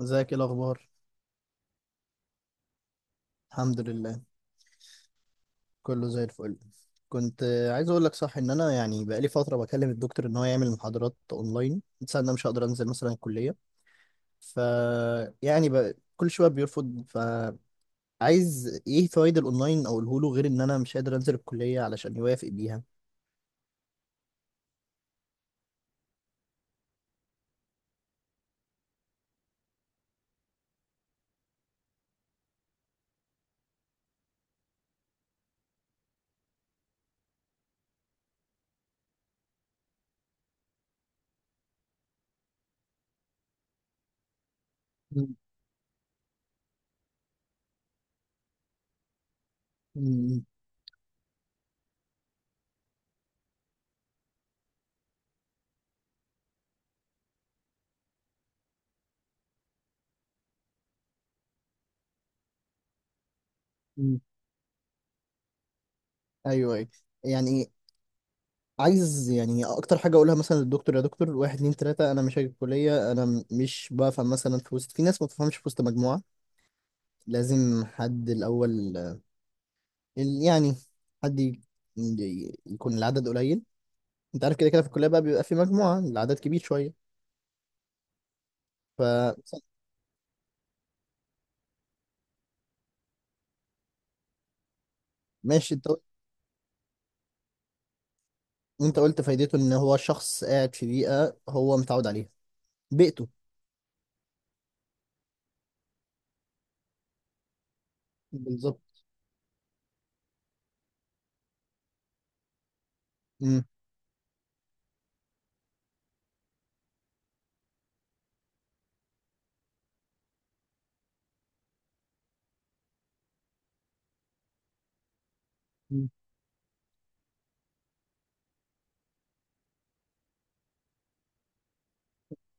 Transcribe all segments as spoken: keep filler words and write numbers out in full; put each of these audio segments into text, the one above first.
ازيك، ايه الاخبار؟ الحمد لله. كله زي الفل. كنت آه، عايز اقول لك، صح ان انا يعني بقالي فتره بكلم الدكتور ان هو يعمل محاضرات اونلاين، بس انا مش هقدر انزل مثلا الكليه. ف يعني ب... كل شويه بيرفض، فعايز ايه فوائد الاونلاين اقوله له، غير ان انا مش قادر انزل الكليه علشان يوافق بيها. مم. مم. مم. ايوه، أيوة. يعني عايز يعني اكتر حاجه اقولها مثلا للدكتور: يا دكتور، واحد اتنين تلاته، انا مش هاجي الكليه. انا م- مش بفهم مثلا في وسط، في ناس ما بتفهمش في وسط مجموعه. لازم حد الأول آه، ال- يعني حد ي- ي- يكون العدد قليل. انت عارف كده كده، في الكلية بقى بيبقى في مجموعة، العدد كبير شوية. ف ماشي، انت قلت- انت قلت فايدته ان هو شخص قاعد في بيئة هو متعود عليها، بيئته. بالظبط. امم أمم.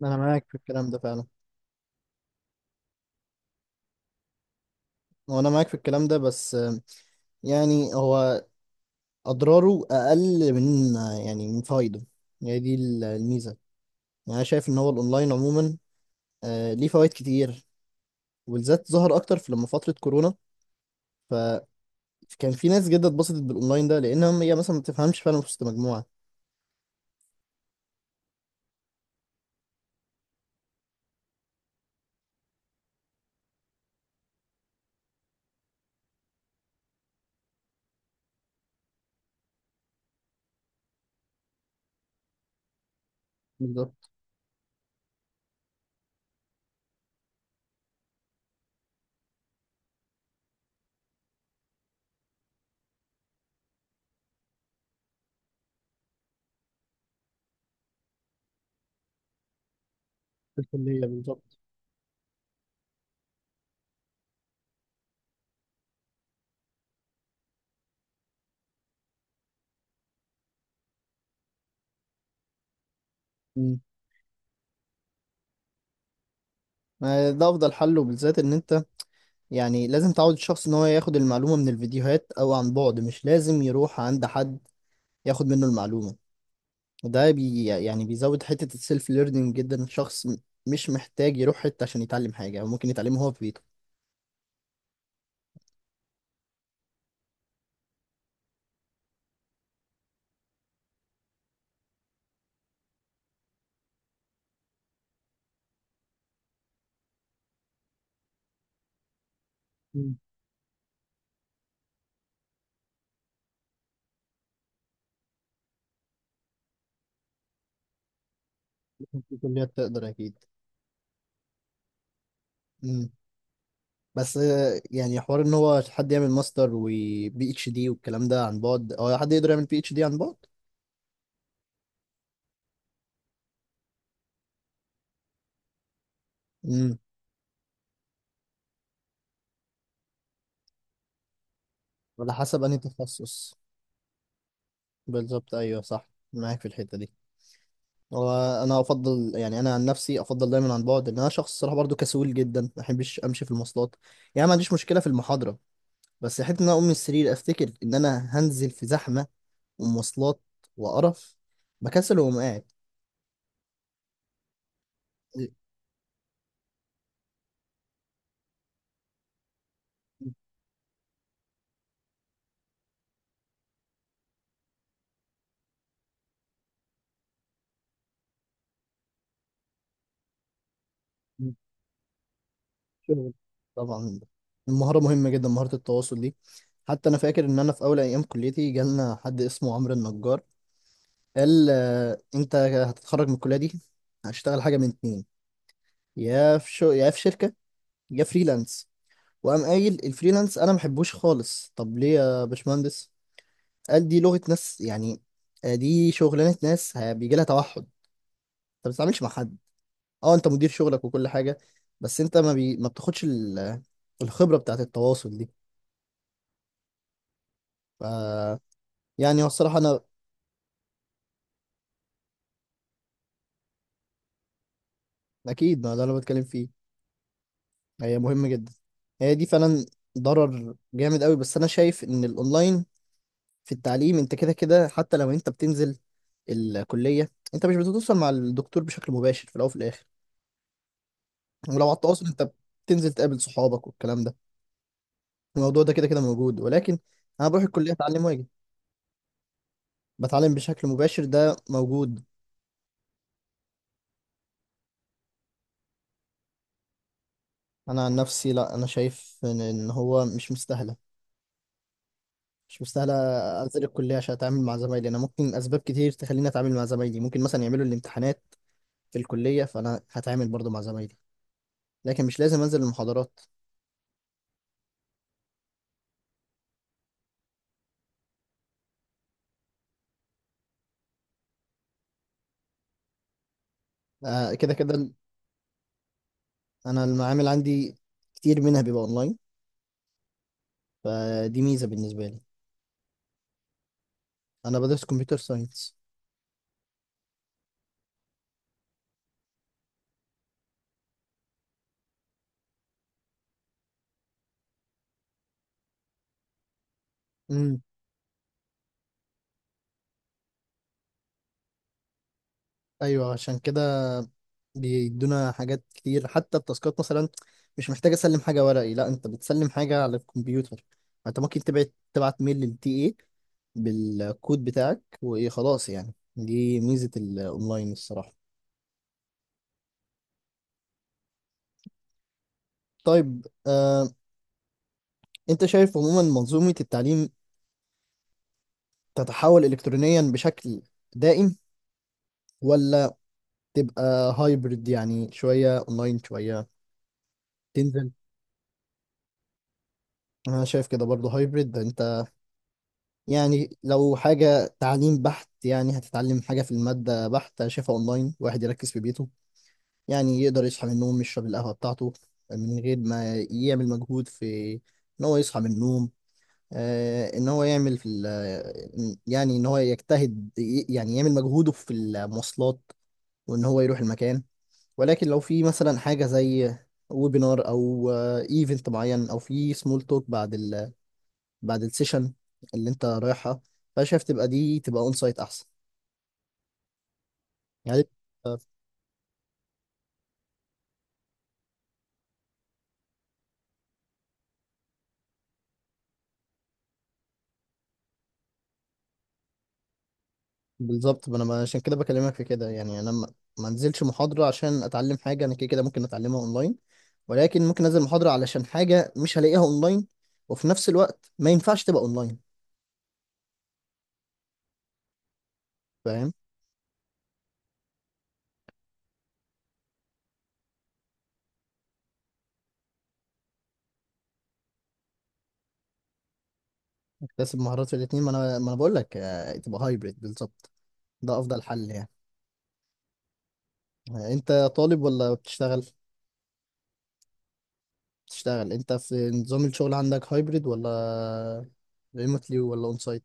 انا معاك في الكلام ده فعلا. هو انا معاك في الكلام ده، بس آه، يعني هو اضراره اقل من آه، يعني من فوائده. هي دي ال- الميزة. يعني انا شايف ان هو الاونلاين عموما آه، ليه فوائد كتير، وبالذات ظهر اكتر في لما فتره كورونا. فكان في ناس جدا اتبسطت بالاونلاين ده، لانها هي مثلا ما بتفهمش فعلا في وسط مجموعه. بالظبط. في الكلية بالظبط. مم. ما ده افضل حل، وبالذات ان انت يعني لازم تعود الشخص ان هو ياخد المعلومه من الفيديوهات او عن بعد، مش لازم يروح عند حد ياخد منه المعلومه. وده بي يعني بيزود حته السيلف ليرنينج جدا. الشخص م- مش محتاج يروح حته عشان يتعلم حاجه، هو ممكن يتعلمها هو في بيته. مم. في كليات تقدر اكيد. مم. بس آه، يعني حوار ان هو حد يعمل ماستر وبي اتش دي والكلام ده عن بعد، او حد يقدر يعمل بي اتش دي عن بعد. امم. على حسب انهي تخصص. بالظبط، ايوه صح، معاك في الحته دي. وانا افضل، يعني انا عن نفسي افضل دايما عن بعد، ان انا شخص صراحه برضو كسول جدا، ما بحبش امشي في المواصلات. يعني ما عنديش مشكله في المحاضره، بس حته ان انا اقوم من السرير، افتكر ان انا هنزل في زحمه ومواصلات وقرف، بكسل واقوم قاعد. شغل. طبعا. المهارة مهمة جدا، مهارة التواصل دي. حتى أنا فاكر إن أنا في أول أيام كليتي جالنا حد اسمه عمرو النجار، قال آه، أنت هتتخرج من الكلية دي، هتشتغل حاجة من اتنين: يا في شو، يا في شركة، يا فريلانس. وقام قايل الفريلانس أنا محبوش خالص. طب ليه يا باشمهندس؟ قال دي لغة ناس يعني، آه، دي شغلانة ناس ه- بيجي لها توحد. أنت ما بتتعاملش مع حد. أه أنت مدير شغلك وكل حاجة، بس أنت ما, بي... ما بتاخدش ال- الخبرة بتاعت التواصل دي. ف يعني هو الصراحة أنا، أكيد ما ده اللي أنا بتكلم فيه. هي مهمة جدا، هي دي فعلا ضرر جامد قوي. بس أنا شايف إن الأونلاين في التعليم، أنت كده كده حتى لو أنت بتنزل الكلية أنت مش بتتواصل مع الدكتور بشكل مباشر في الأول وفي الآخر. ولو على التواصل، أنت بتنزل تقابل صحابك والكلام ده، الموضوع ده كده كده موجود. ولكن أنا بروح الكلية أتعلم وأجي. بتعلم بشكل مباشر، ده موجود. أنا عن نفسي لا، أنا شايف إن إن هو مش مستاهلة، مش مستاهلة أنزل الكلية عشان أتعامل مع زمايلي. أنا ممكن أسباب كتير تخليني أتعامل مع زمايلي، ممكن مثلا يعملوا الامتحانات في الكلية، فأنا هتعامل برضو مع زمايلي، لكن مش لازم أنزل المحاضرات. آه، كده كده أنا المعامل عندي كتير منها بيبقى أونلاين، فدي ميزة بالنسبة لي. أنا بدرس كمبيوتر ساينس. أمم. أيوه، عشان كده بيدونا حاجات كتير، حتى التاسكات مثلا مش محتاج اسلم حاجه ورقي، لا انت بتسلم حاجه على الكمبيوتر. انت ممكن تبعت تبعت ميل للتي اي بالكود بتاعك، وايه، خلاص. يعني دي ميزه الاونلاين الصراحه. طيب آه، انت شايف عموما منظومه التعليم تتحول الكترونيا بشكل دائم، ولا تبقى هايبرد؟ يعني شويه اونلاين شويه تنزل. انا شايف كده برضه، هايبرد. يعني لو حاجة تعليم بحت، يعني هتتعلم حاجة في المادة بحتة، شايفها أونلاين، واحد يركز في بيته. يعني يقدر يصحى من النوم، يشرب القهوة بتاعته، من غير ما يعمل مجهود في إن هو يصحى من النوم، آه إن هو يعمل في ال- يعني إن هو يجتهد ي- يعني يعمل مجهوده في المواصلات، وإن هو يروح المكان. ولكن لو في مثلا حاجة زي ويبينار، أو إيفنت معين، أو في سمول توك بعد بعد السيشن اللي انت رايحها، فانا شايف تبقى دي تبقى اون سايت احسن. يعني آه، بالظبط. ما انا ما- عشان كده بكلمك في كده، يعني انا ما ما انزلش محاضره عشان اتعلم حاجه انا كده كده ممكن اتعلمها اونلاين، ولكن ممكن انزل محاضره علشان حاجه مش هلاقيها اونلاين وفي نفس الوقت ما ينفعش تبقى اونلاين. فاهم. اكتسب مهارات في الاثنين. ما انا، ما انا بقول لك، آه، تبقى هايبريد بالظبط، ده افضل حل يعني. آه، انت طالب ولا بتشتغل؟ بتشتغل. انت في نظام الشغل عندك هايبريد، ولا ريموتلي، ولا اون سايت؟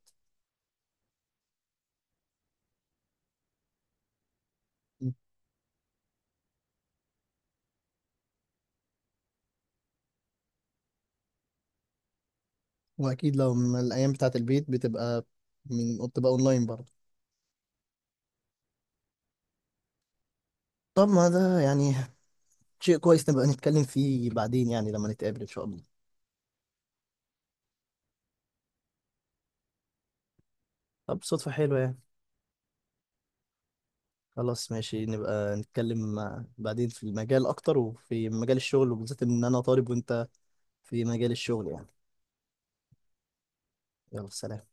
واكيد لو من الايام بتاعه البيت بتبقى، من بتبقى اونلاين برضه. طب ما ده يعني شيء كويس، نبقى نتكلم فيه بعدين، يعني لما نتقابل ان شاء الله. طب صدفة حلوة يعني. خلاص ماشي، نبقى نتكلم بعدين في المجال اكتر، وفي مجال الشغل، وبالذات ان انا طالب وانت في مجال الشغل يعني. يلا سلام.